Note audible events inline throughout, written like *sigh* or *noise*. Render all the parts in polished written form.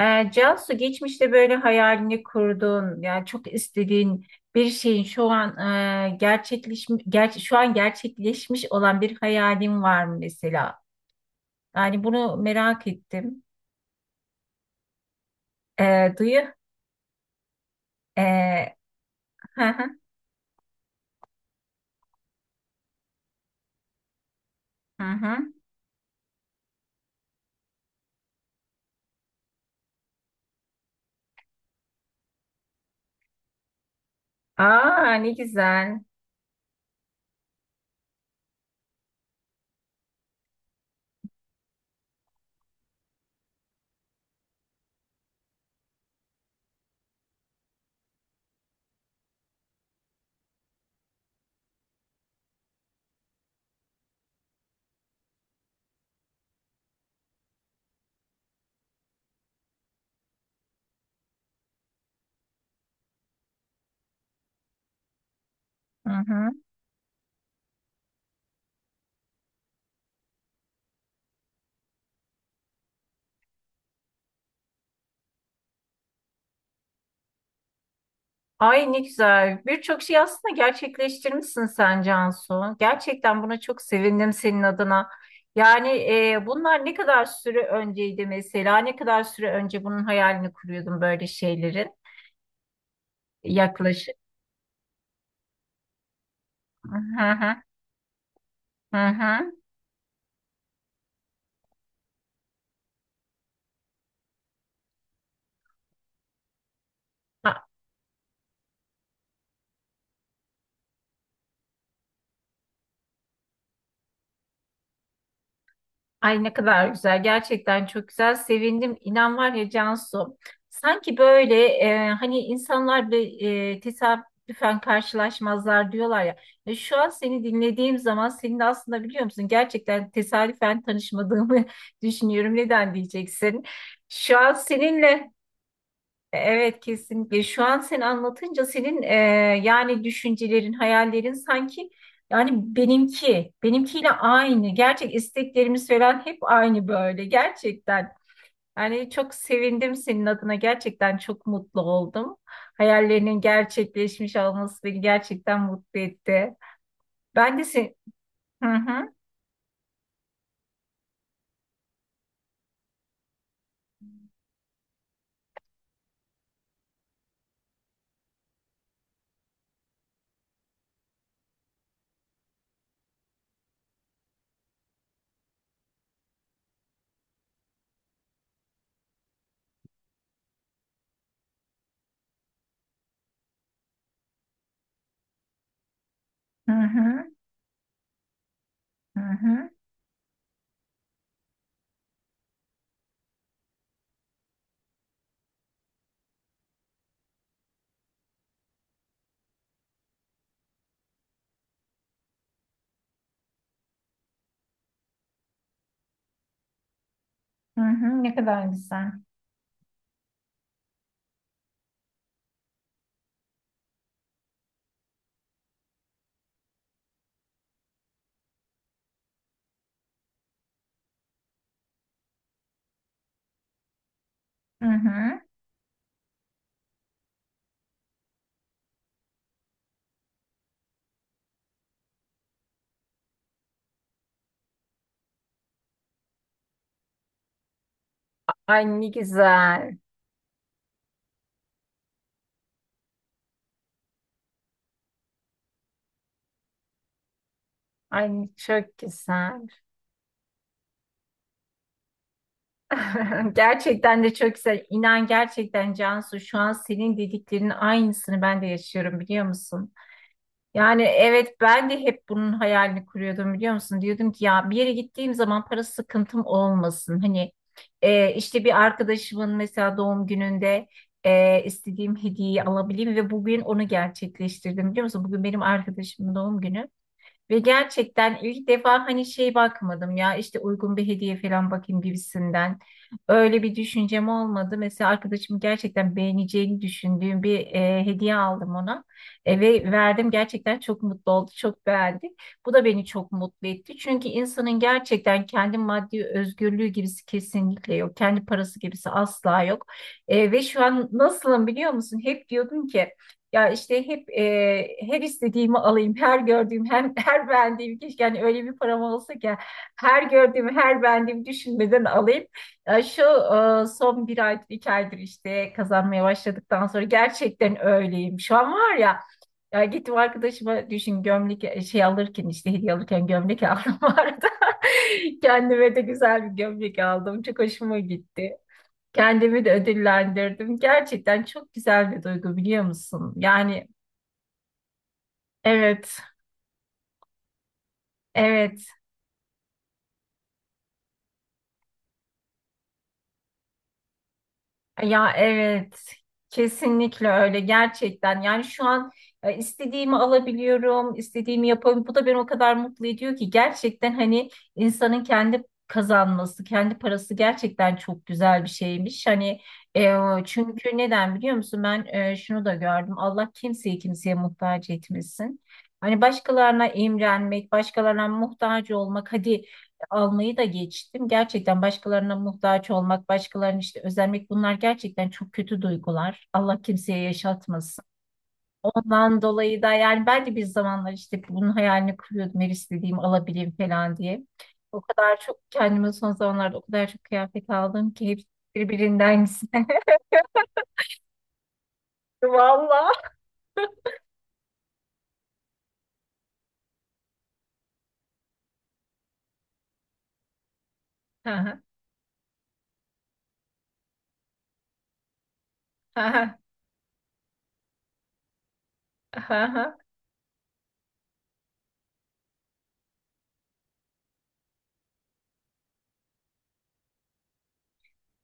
Cansu geçmişte böyle hayalini kurduğun yani çok istediğin bir şeyin şu an gerçekleşmiş şu an gerçekleşmiş olan bir hayalin var mı mesela? Yani bunu merak ettim. Duyu. Ee, *laughs* hı hı, hı hı. Aa ne güzel. Hı hı. Ay ne güzel. Birçok şey aslında gerçekleştirmişsin sen Cansu. Gerçekten buna çok sevindim senin adına. Yani bunlar ne kadar süre önceydi mesela? Ne kadar süre önce bunun hayalini kuruyordun böyle şeylerin yaklaşık? Hı hı, hı hı. Ay ne kadar güzel. Gerçekten çok güzel. Sevindim. İnan var ya Cansu. Sanki böyle hani insanlar bile tesadüfen karşılaşmazlar diyorlar ya. Şu an seni dinlediğim zaman senin de aslında biliyor musun gerçekten tesadüfen tanışmadığımı *laughs* düşünüyorum. Neden diyeceksin? Şu an seninle evet kesinlikle. Şu an sen anlatınca senin yani düşüncelerin, hayallerin sanki yani benimkiyle aynı. Gerçek isteklerimiz falan hep aynı böyle gerçekten. Yani çok sevindim senin adına. Gerçekten çok mutlu oldum. Hayallerinin gerçekleşmiş olması beni gerçekten mutlu etti. Ben de sen... Hı hı, hı hı, hı hı, hı hı. Ne kadar güzel. Hı hı. Ay ne güzel. Ay çok güzel. *laughs* Gerçekten de çok güzel. İnan gerçekten Cansu şu an senin dediklerinin aynısını ben de yaşıyorum biliyor musun? Yani evet ben de hep bunun hayalini kuruyordum biliyor musun? Diyordum ki ya bir yere gittiğim zaman para sıkıntım olmasın. Hani işte bir arkadaşımın mesela doğum gününde istediğim hediyeyi alabileyim ve bugün onu gerçekleştirdim biliyor musun? Bugün benim arkadaşımın doğum günü. Ve gerçekten ilk defa hani şey bakmadım ya işte uygun bir hediye falan bakayım gibisinden. Öyle bir düşüncem olmadı. Mesela arkadaşım gerçekten beğeneceğini düşündüğüm bir hediye aldım ona. Ve verdim gerçekten çok mutlu oldu, çok beğendi. Bu da beni çok mutlu etti. Çünkü insanın gerçekten kendi maddi özgürlüğü gibisi kesinlikle yok. Kendi parası gibisi asla yok. Ve şu an nasılım biliyor musun? Hep diyordum ki ya işte hep her istediğimi alayım, her gördüğüm, hem *laughs* her beğendiğim keşke yani öyle bir param olsa ki her gördüğümü, her beğendiğimi düşünmeden alayım. Ya şu son bir aydır, iki aydır işte kazanmaya başladıktan sonra gerçekten öyleyim. Şu an var ya, ya gittim arkadaşıma düşün gömlek şey alırken işte hediye alırken gömlek aldım *laughs* bu arada. Kendime de güzel bir gömlek aldım. Çok hoşuma gitti. Kendimi de ödüllendirdim. Gerçekten çok güzel bir duygu biliyor musun? Yani evet, evet. Ya evet. Kesinlikle öyle gerçekten. Yani şu an istediğimi alabiliyorum, istediğimi yapabiliyorum. Bu da beni o kadar mutlu ediyor ki gerçekten hani insanın kendi kazanması, kendi parası gerçekten çok güzel bir şeymiş. Hani e, çünkü neden biliyor musun? Ben şunu da gördüm. Allah kimseyi kimseye muhtaç etmesin. Hani başkalarına imrenmek, başkalarına muhtaç olmak, hadi almayı da geçtim. Gerçekten başkalarına muhtaç olmak, başkalarının işte özenmek bunlar gerçekten çok kötü duygular. Allah kimseye yaşatmasın. Ondan dolayı da yani ben de bir zamanlar işte bunun hayalini kuruyordum. Her istediğimi alabileyim falan diye. O kadar çok kendime son zamanlarda o kadar çok kıyafet aldım ki hepsi birbirinden güzel. *laughs* Valla. *laughs*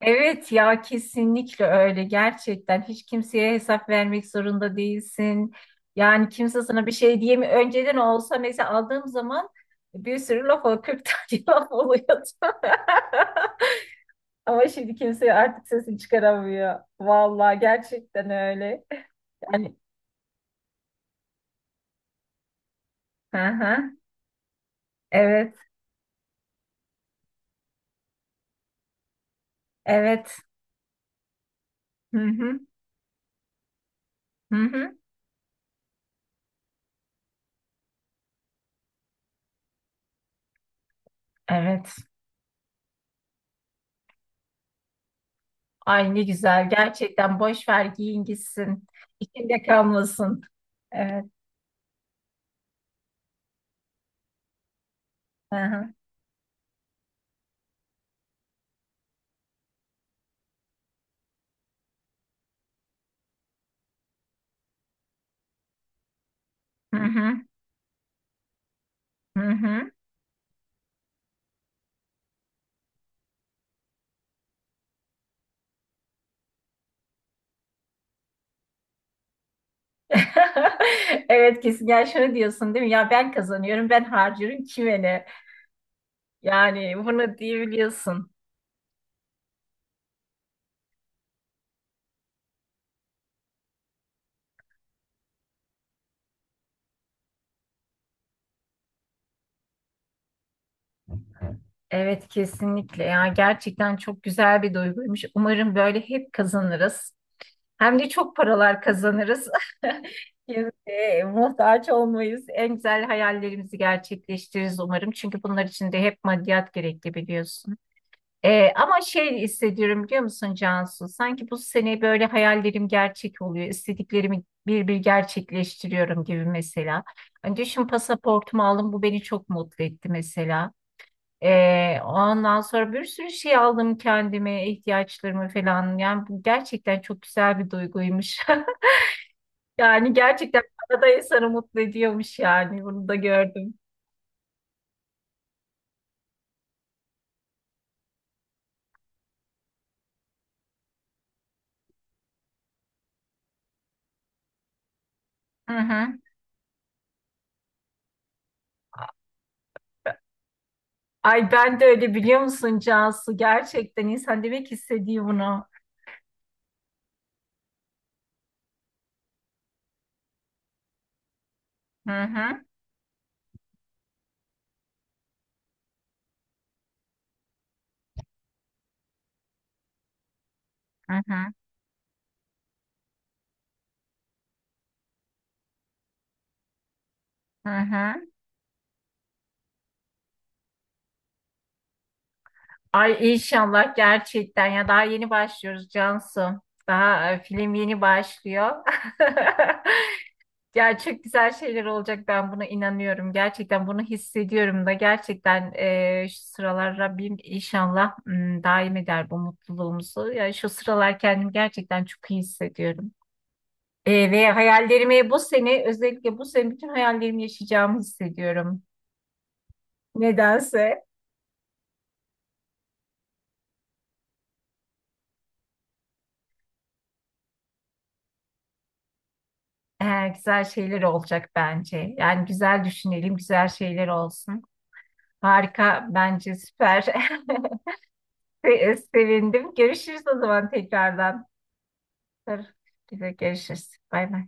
Evet ya kesinlikle öyle gerçekten hiç kimseye hesap vermek zorunda değilsin. Yani kimse sana bir şey diyemi önceden olsa mesela aldığım zaman bir sürü laf oluyor 40 tane *laughs* laf oluyordu. *laughs* Ama şimdi kimse artık sesini çıkaramıyor. Vallahi gerçekten öyle. Yani hı hı, evet evet hı hı, hı hı, evet. Ay ne güzel gerçekten boş ver giyin gitsin. İçinde kalmasın. Evet. Hı hı. Hı hı, hı hı. *laughs* Evet kesin. Yani şunu diyorsun değil mi? Ya ben kazanıyorum, ben harcıyorum kime ne? Yani bunu diyebiliyorsun. Evet kesinlikle. Ya gerçekten çok güzel bir duyguymuş. Umarım böyle hep kazanırız. Hem de çok paralar kazanırız. *laughs* Kimseye muhtaç olmayız. En güzel hayallerimizi gerçekleştiririz umarım. Çünkü bunlar için de hep maddiyat gerekli biliyorsun. Ama şey hissediyorum biliyor musun Cansu? Sanki bu sene böyle hayallerim gerçek oluyor. İstediklerimi bir bir gerçekleştiriyorum gibi mesela. Hani düşün pasaportumu aldım bu beni çok mutlu etti mesela. Ondan sonra bir sürü şey aldım kendime, ihtiyaçlarımı falan. Yani bu gerçekten çok güzel bir duyguymuş. *laughs* Yani gerçekten para da insanı mutlu ediyormuş yani bunu da gördüm. Hı hı. Ay ben de öyle biliyor musun Cansu? Gerçekten insan demek istediği bunu. Hı hı. Hı hı, hı hı. Ay inşallah gerçekten ya daha yeni başlıyoruz Cansu. Daha film yeni başlıyor. *laughs* Ya çok güzel şeyler olacak ben buna inanıyorum. Gerçekten bunu hissediyorum da gerçekten şu sıralar Rabbim inşallah daim eder bu mutluluğumuzu. Ya şu sıralar kendimi gerçekten çok iyi hissediyorum. Ve hayallerimi bu sene özellikle bu sene bütün hayallerimi yaşayacağımı hissediyorum. Nedense. Güzel şeyler olacak bence. Yani güzel düşünelim, güzel şeyler olsun. Harika, bence süper. *laughs* Sevindim. Görüşürüz o zaman tekrardan. Tabii ki de görüşürüz. Bay bay.